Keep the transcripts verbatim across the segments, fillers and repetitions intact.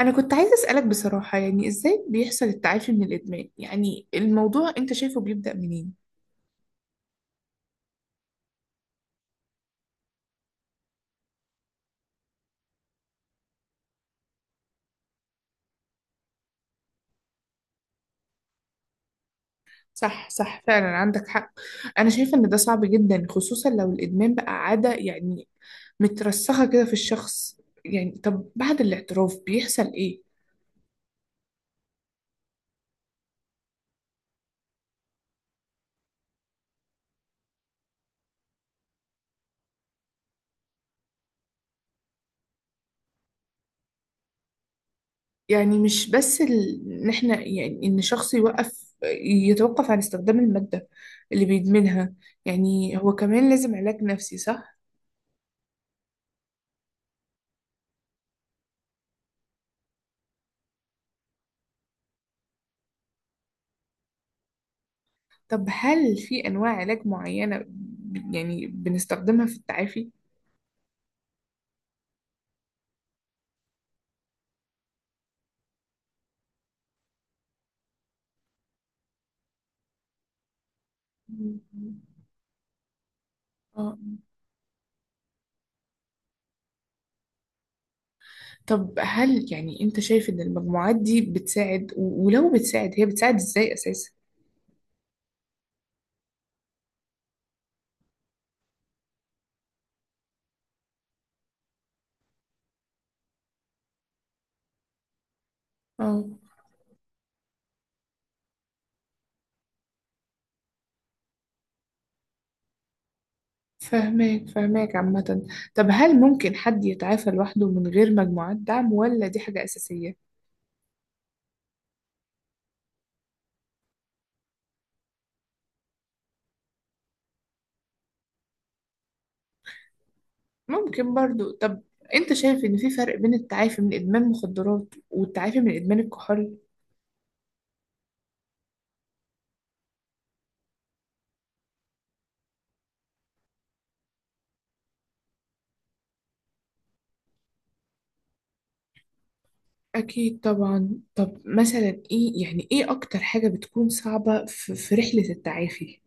أنا كنت عايزة أسألك بصراحة يعني إزاي بيحصل التعافي من الإدمان؟ يعني الموضوع أنت شايفه بيبدأ منين؟ صح، صح، فعلا عندك حق. أنا شايفة إن ده صعب جدا خصوصا لو الإدمان بقى عادة يعني مترسخة كده في الشخص. يعني طب بعد الاعتراف بيحصل إيه؟ يعني مش بس ال... إن إحنا يعني إن شخص يوقف يتوقف عن استخدام المادة اللي بيدمنها. يعني هو كمان لازم علاج نفسي صح؟ طب هل في أنواع علاج معينة ب- يعني بنستخدمها في التعافي؟ اه. طب هل يعني أنت شايف إن المجموعات دي بتساعد و- ولو بتساعد هي بتساعد إزاي أساسا؟ اه، فهماك، فهماك عامة. طب هل ممكن حد يتعافى لوحده من غير مجموعات دعم، ولا دي حاجة أساسية؟ ممكن برضو. طب أنت شايف إن في فرق بين التعافي من إدمان مخدرات والتعافي من إدمان الكحول؟ أكيد طبعا. طب مثلا إيه، يعني إيه أكتر حاجة بتكون صعبة في, في رحلة التعافي؟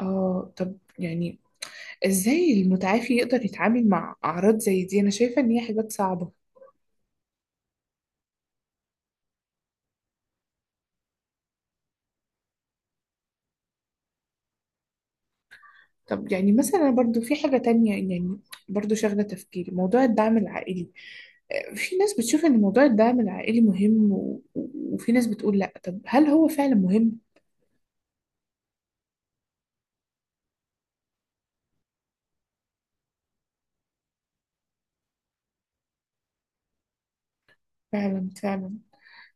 آه طب يعني إزاي المتعافي يقدر يتعامل مع أعراض زي دي؟ أنا شايفة إن هي حاجات صعبة. طب يعني مثلا، برضو في حاجة تانية يعني، برضو شاغلة تفكيري موضوع الدعم العائلي. آه، في ناس بتشوف إن موضوع الدعم العائلي مهم، و... و- وفي ناس بتقول لأ. طب هل هو فعلا مهم؟ فعلا فعلا.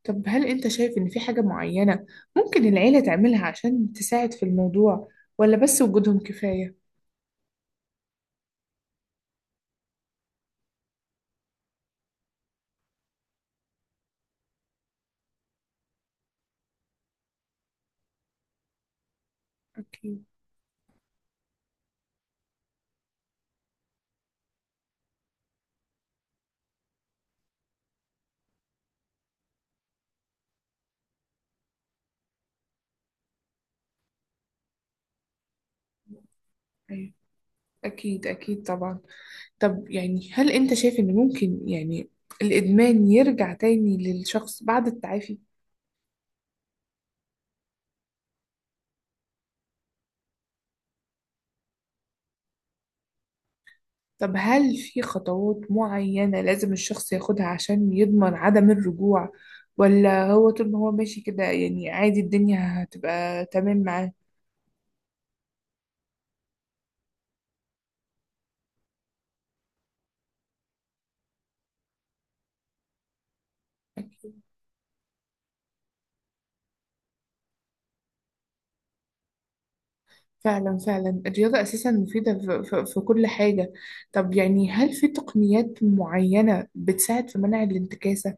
طب هل أنت شايف إن في حاجة معينة ممكن العيلة تعملها عشان تساعد في الموضوع، ولا بس وجودهم كفاية؟ أكيد. أيوة. أكيد، أكيد طبعا. طب يعني هل أنت شايف إن ممكن يعني الإدمان يرجع تاني للشخص بعد التعافي؟ طب هل في خطوات معينة لازم الشخص ياخدها عشان يضمن عدم الرجوع، ولا هو طول ما هو ماشي كده يعني عادي الدنيا هتبقى تمام معاه؟ فعلا، فعلا، الرياضة أساسا مفيدة في, في, في كل حاجة. طب يعني هل في تقنيات معينة بتساعد في منع الانتكاسة؟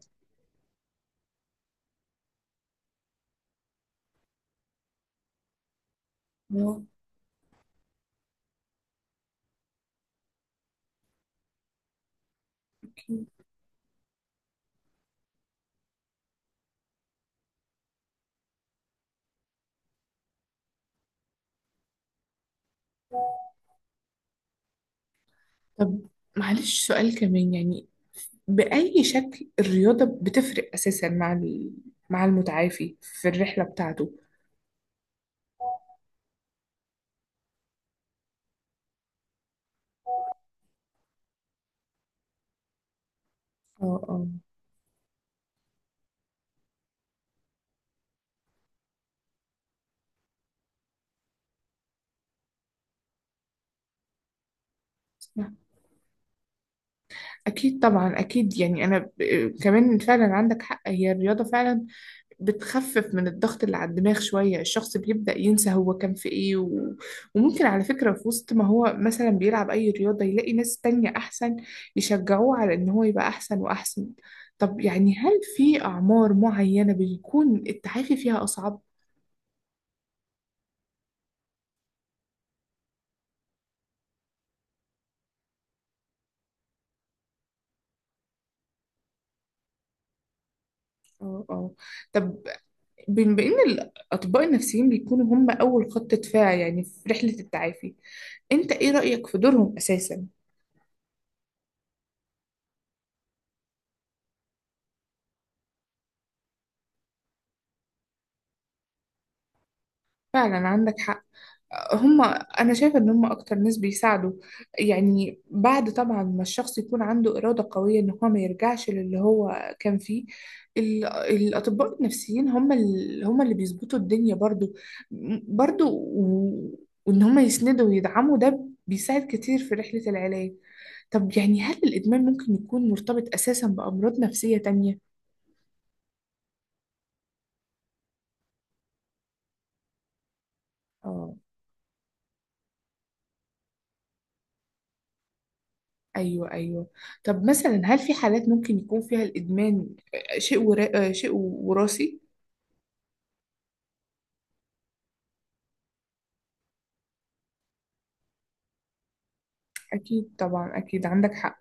آه. أكيد. طب معلش سؤال كمان يعني، بأي شكل الرياضة بتفرق أساسا مع ال- مع المتعافي في الرحلة بتاعته؟ اه، اه، صح. أكيد طبعا، أكيد يعني أنا ب- كمان فعلا عندك حق، هي الرياضة فعلا بتخفف من الضغط اللي على الدماغ شوية. الشخص بيبدأ ينسى هو كان في ايه و... وممكن على فكرة في وسط ما هو مثلا بيلعب اي رياضة يلاقي ناس تانية احسن يشجعوه على ان هو يبقى احسن واحسن. طب يعني هل في اعمار معينة بيكون التعافي فيها اصعب؟ اه، اه. طب بما ان الاطباء النفسيين بيكونوا هم اول خط دفاع يعني في رحلة التعافي، انت ايه رأيك في دورهم اساسا؟ فعلا عندك حق. هم انا شايفه ان هم اكتر ناس بيساعدوا، يعني بعد طبعا ما الشخص يكون عنده اراده قويه ان هو ما يرجعش للي هو كان فيه. ال- الاطباء النفسيين هم اللي هم اللي بيظبطوا الدنيا برضو برضو و- وان هم يسندوا ويدعموا، ده بيساعد كتير في رحله العلاج. طب يعني هل الادمان ممكن يكون مرتبط اساسا بامراض نفسيه تانية؟ ايوه، ايوه. طب مثلا هل في حالات ممكن يكون فيها الادمان شيء ورا... شيء وراثي؟ اكيد طبعا، اكيد عندك حق.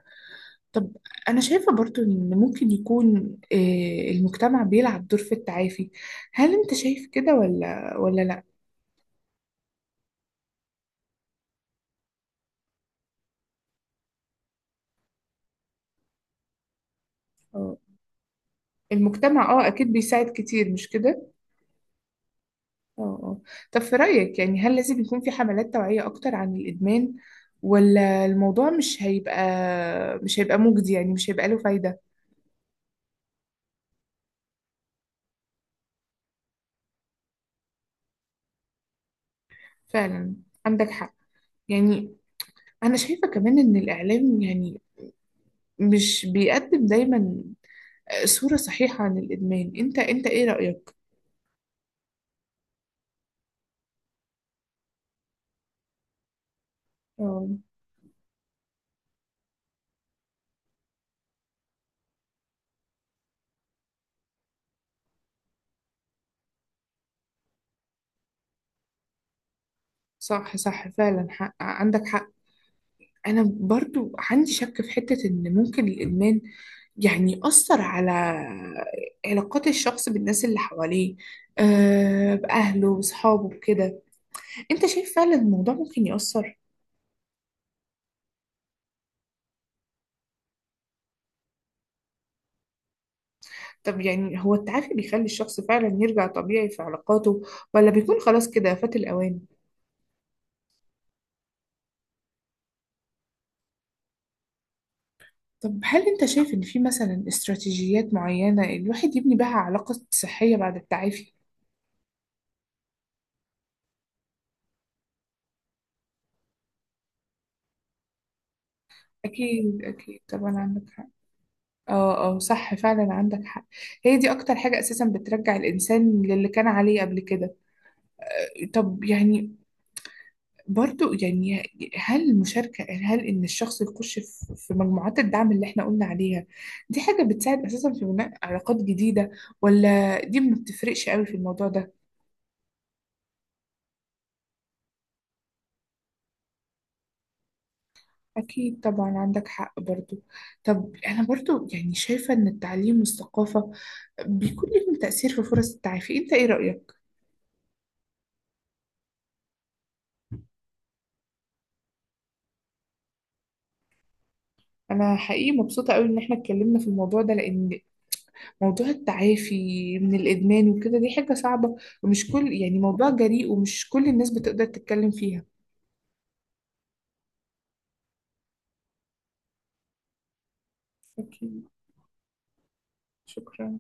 طب انا شايفه برضو ان ممكن يكون آه، المجتمع بيلعب دور في التعافي. هل انت شايف كده ولا ولا لا؟ اه، المجتمع اه اكيد بيساعد كتير، مش كده؟ اه، اه. طب في رايك يعني هل لازم يكون في حملات توعيه اكتر عن الادمان، ولا الموضوع مش هيبقى مش هيبقى مجدي، يعني مش هيبقى له فايده؟ فعلا عندك حق. يعني أنا شايفة كمان إن الإعلام يعني مش بيقدم دايما صورة صحيحة عن الإدمان. أنت أنت إيه رأيك؟ آه، صح، صح، فعلا حق عندك حق. أنا برضو عندي شك في حتة إن ممكن الإدمان يعني يأثر على علاقات الشخص بالناس اللي حواليه، آه، بأهله وصحابه وكده. أنت شايف فعلا الموضوع ممكن يأثر؟ طب يعني هو التعافي بيخلي الشخص فعلا يرجع طبيعي في علاقاته، ولا بيكون خلاص كده فات الأوان؟ طب هل انت شايف ان في مثلا استراتيجيات معينة الواحد يبني بها علاقة صحية بعد التعافي؟ اكيد، اكيد طبعا عندك حق. اه، اه، صح فعلا عندك حق. هي دي اكتر حاجة اساسا بترجع الانسان للي كان عليه قبل كده. طب يعني برضو يعني هل المشاركة هل ان الشخص يخش في في مجموعات الدعم اللي احنا قلنا عليها، دي حاجة بتساعد اساسا في بناء علاقات جديدة، ولا دي ما بتفرقش قوي في الموضوع ده؟ أكيد طبعا عندك حق برضو. طب أنا برضو يعني شايفة إن التعليم والثقافة بيكون لهم تأثير في فرص التعافي. أنت إيه رأيك؟ أنا حقيقي مبسوطة أوي إن إحنا اتكلمنا في الموضوع ده، لأن موضوع التعافي من الإدمان وكده دي حاجة صعبة، ومش كل يعني موضوع جريء ومش كل الناس بتقدر تتكلم فيها. أكيد، شكرا.